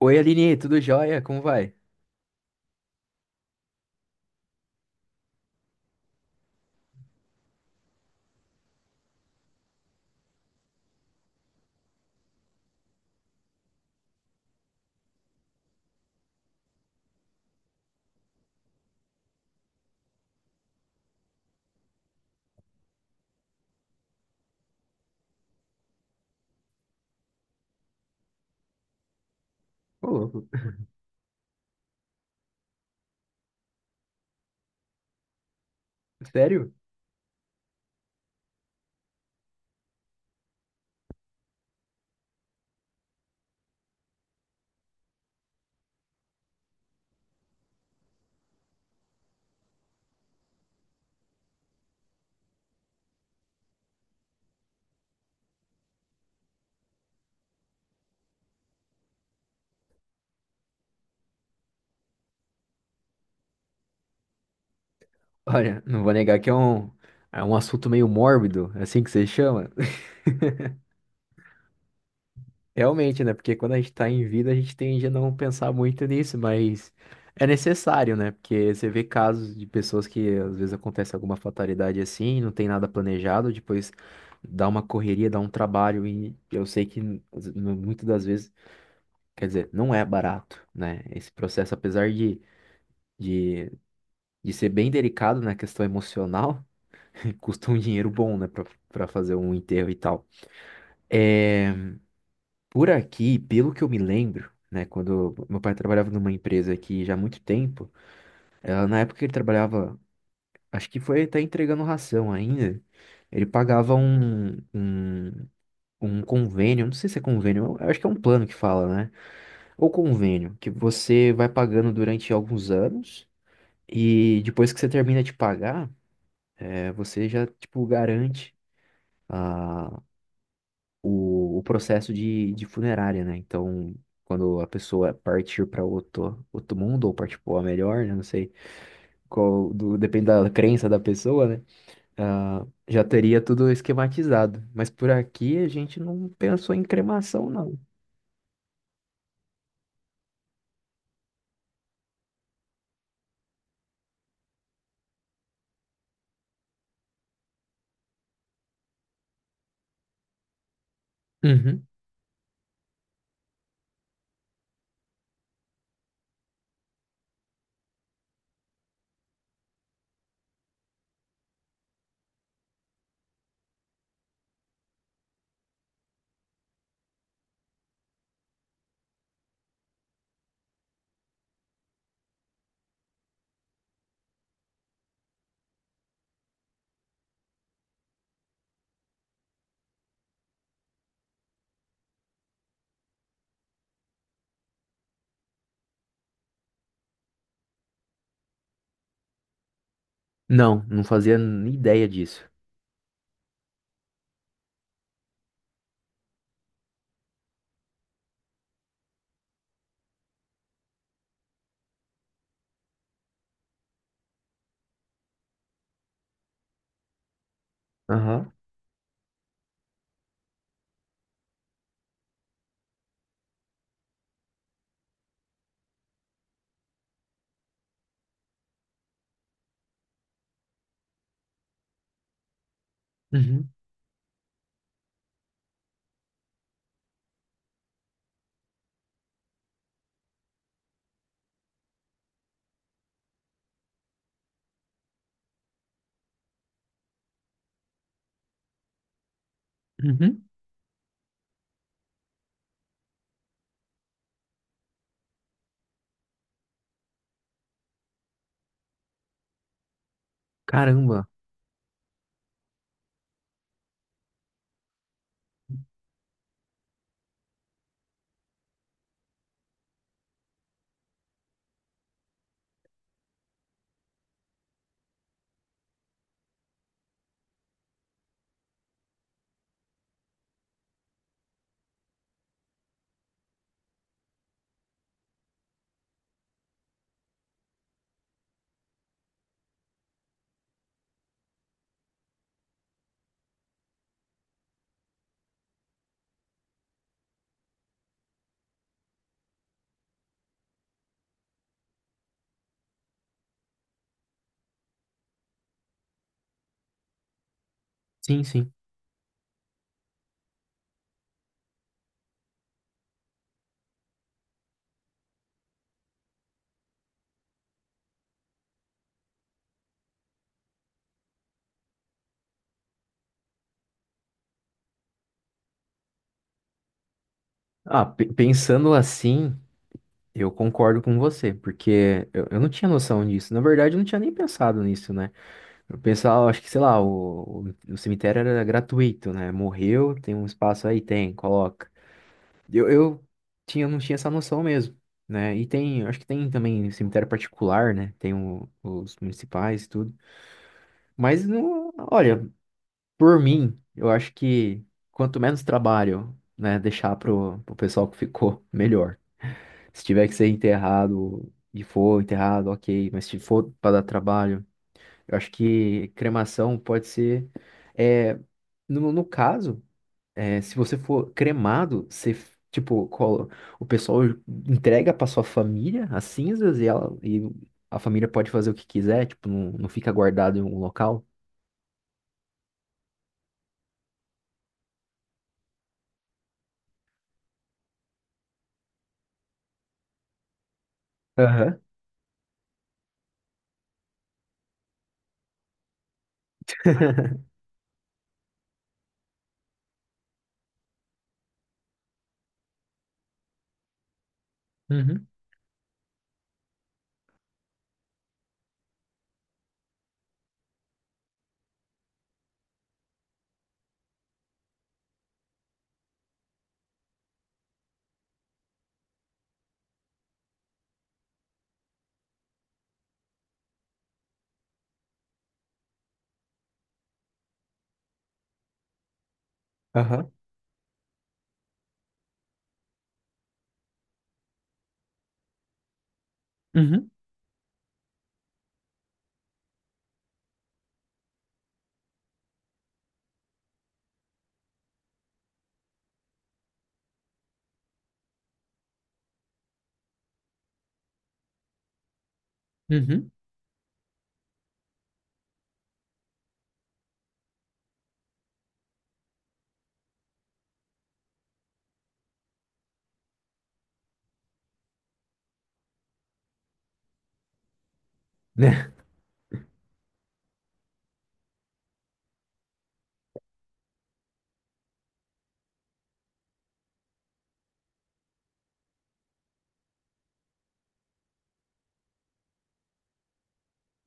Oi, Aline, tudo jóia? Como vai? Ô, louco. Sério? Olha, não vou negar que é um assunto meio mórbido, é assim que você chama. Realmente, né? Porque quando a gente tá em vida, a gente tende a não pensar muito nisso, mas é necessário, né? Porque você vê casos de pessoas que às vezes acontece alguma fatalidade assim, não tem nada planejado, depois dá uma correria, dá um trabalho, e eu sei muitas das vezes, quer dizer, não é barato, né? Esse processo, apesar de de ser bem delicado na questão emocional, custa um dinheiro bom, né, pra fazer um enterro e tal. É, por aqui, pelo que eu me lembro, né, quando meu pai trabalhava numa empresa aqui já há muito tempo, ela, na época que ele trabalhava, acho que foi até entregando ração ainda, ele pagava um convênio, não sei se é convênio, eu acho que é um plano que fala, né, ou convênio, que você vai pagando durante alguns anos. E depois que você termina de pagar, é, você já, tipo, garante a, o processo de funerária, né? Então, quando a pessoa partir para outro mundo, ou partir para melhor, né? Não sei, qual, depende da crença da pessoa, né? Ah, já teria tudo esquematizado. Mas por aqui a gente não pensou em cremação, não. Uhum. Não, não fazia nem ideia disso. Aham. Uhum. Uhum. Caramba. Sim, sim. Ah, pensando assim. Eu concordo com você, porque eu não tinha noção disso. Na verdade, eu não tinha nem pensado nisso, né? Eu pensava, acho que, sei lá, o cemitério era gratuito, né? Morreu, tem um espaço aí, tem, coloca. Eu tinha, não tinha essa noção mesmo, né? E tem, acho que tem também cemitério particular, né? Tem os municipais e tudo. Mas, não, olha, por mim, eu acho que quanto menos trabalho, né, deixar pro pessoal que ficou, melhor. Se tiver que ser enterrado e for enterrado, ok. Mas se for para dar trabalho, eu acho que cremação pode ser. É, no caso, é, se você for cremado, você, tipo, o pessoal entrega para sua família as cinzas e, e a família pode fazer o que quiser, tipo, não, não fica guardado em um local. Aham, uhum, aham. Uhum, uhum. Né?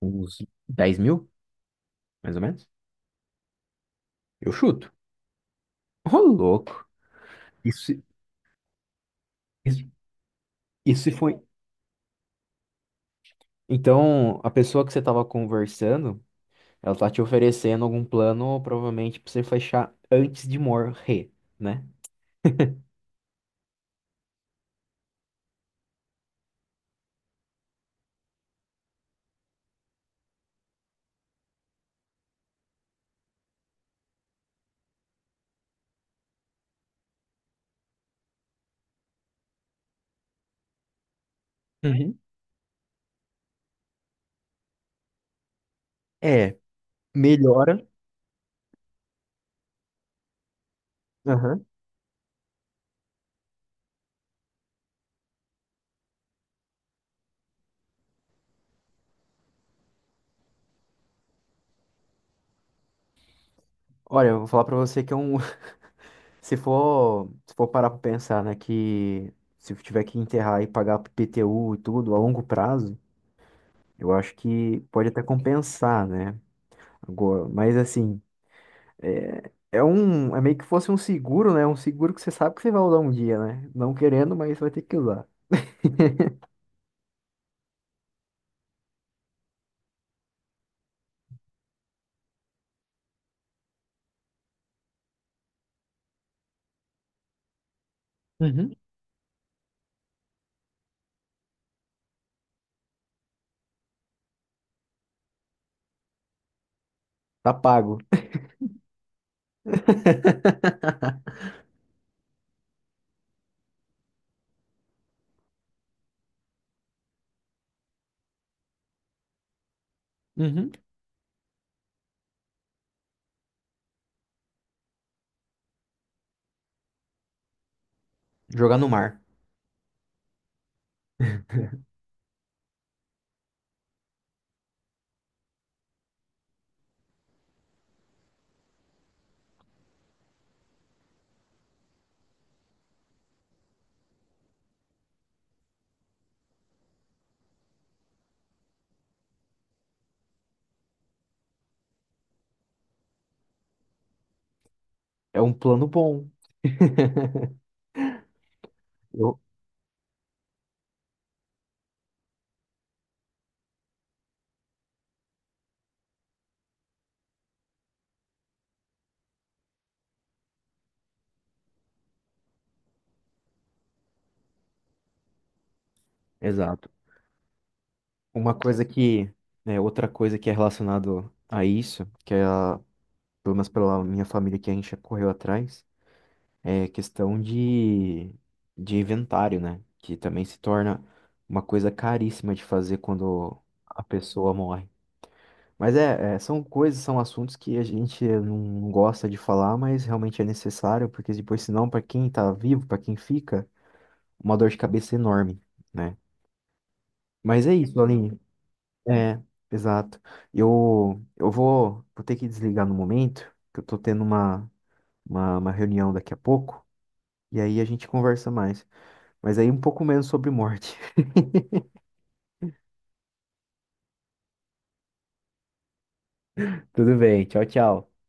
Uns 10 mil, mais ou menos? Eu chuto. Ô, louco. Isso, isso, isso foi. Então, a pessoa que você estava conversando, ela tá te oferecendo algum plano, provavelmente, pra você fechar antes de morrer, né? Uhum. É, melhora. Aham. Olha, eu vou falar pra você que é um. Se for parar pra pensar, né, que se tiver que enterrar e pagar PTU e tudo a longo prazo, eu acho que pode até compensar, né? Agora, mas assim, é um. É meio que fosse um seguro, né? Um seguro que você sabe que você vai usar um dia, né? Não querendo, mas vai ter que usar. Uhum. Tá pago. Uhum. Jogar no mar. É um plano bom. Eu- Exato. Uma coisa que, né, outra coisa que é relacionado a isso, que é, pelo menos pela minha família que a gente já correu atrás, é questão de inventário, né? Que também se torna uma coisa caríssima de fazer quando a pessoa morre. Mas são coisas, são assuntos que a gente não gosta de falar, mas realmente é necessário, porque depois, senão, para quem tá vivo, para quem fica, uma dor de cabeça enorme, né? Mas é isso, Aline. É, exato. Eu vou ter que desligar no momento, que eu tô tendo uma reunião daqui a pouco, e aí a gente conversa mais. Mas aí um pouco menos sobre morte. Tudo bem, tchau, tchau.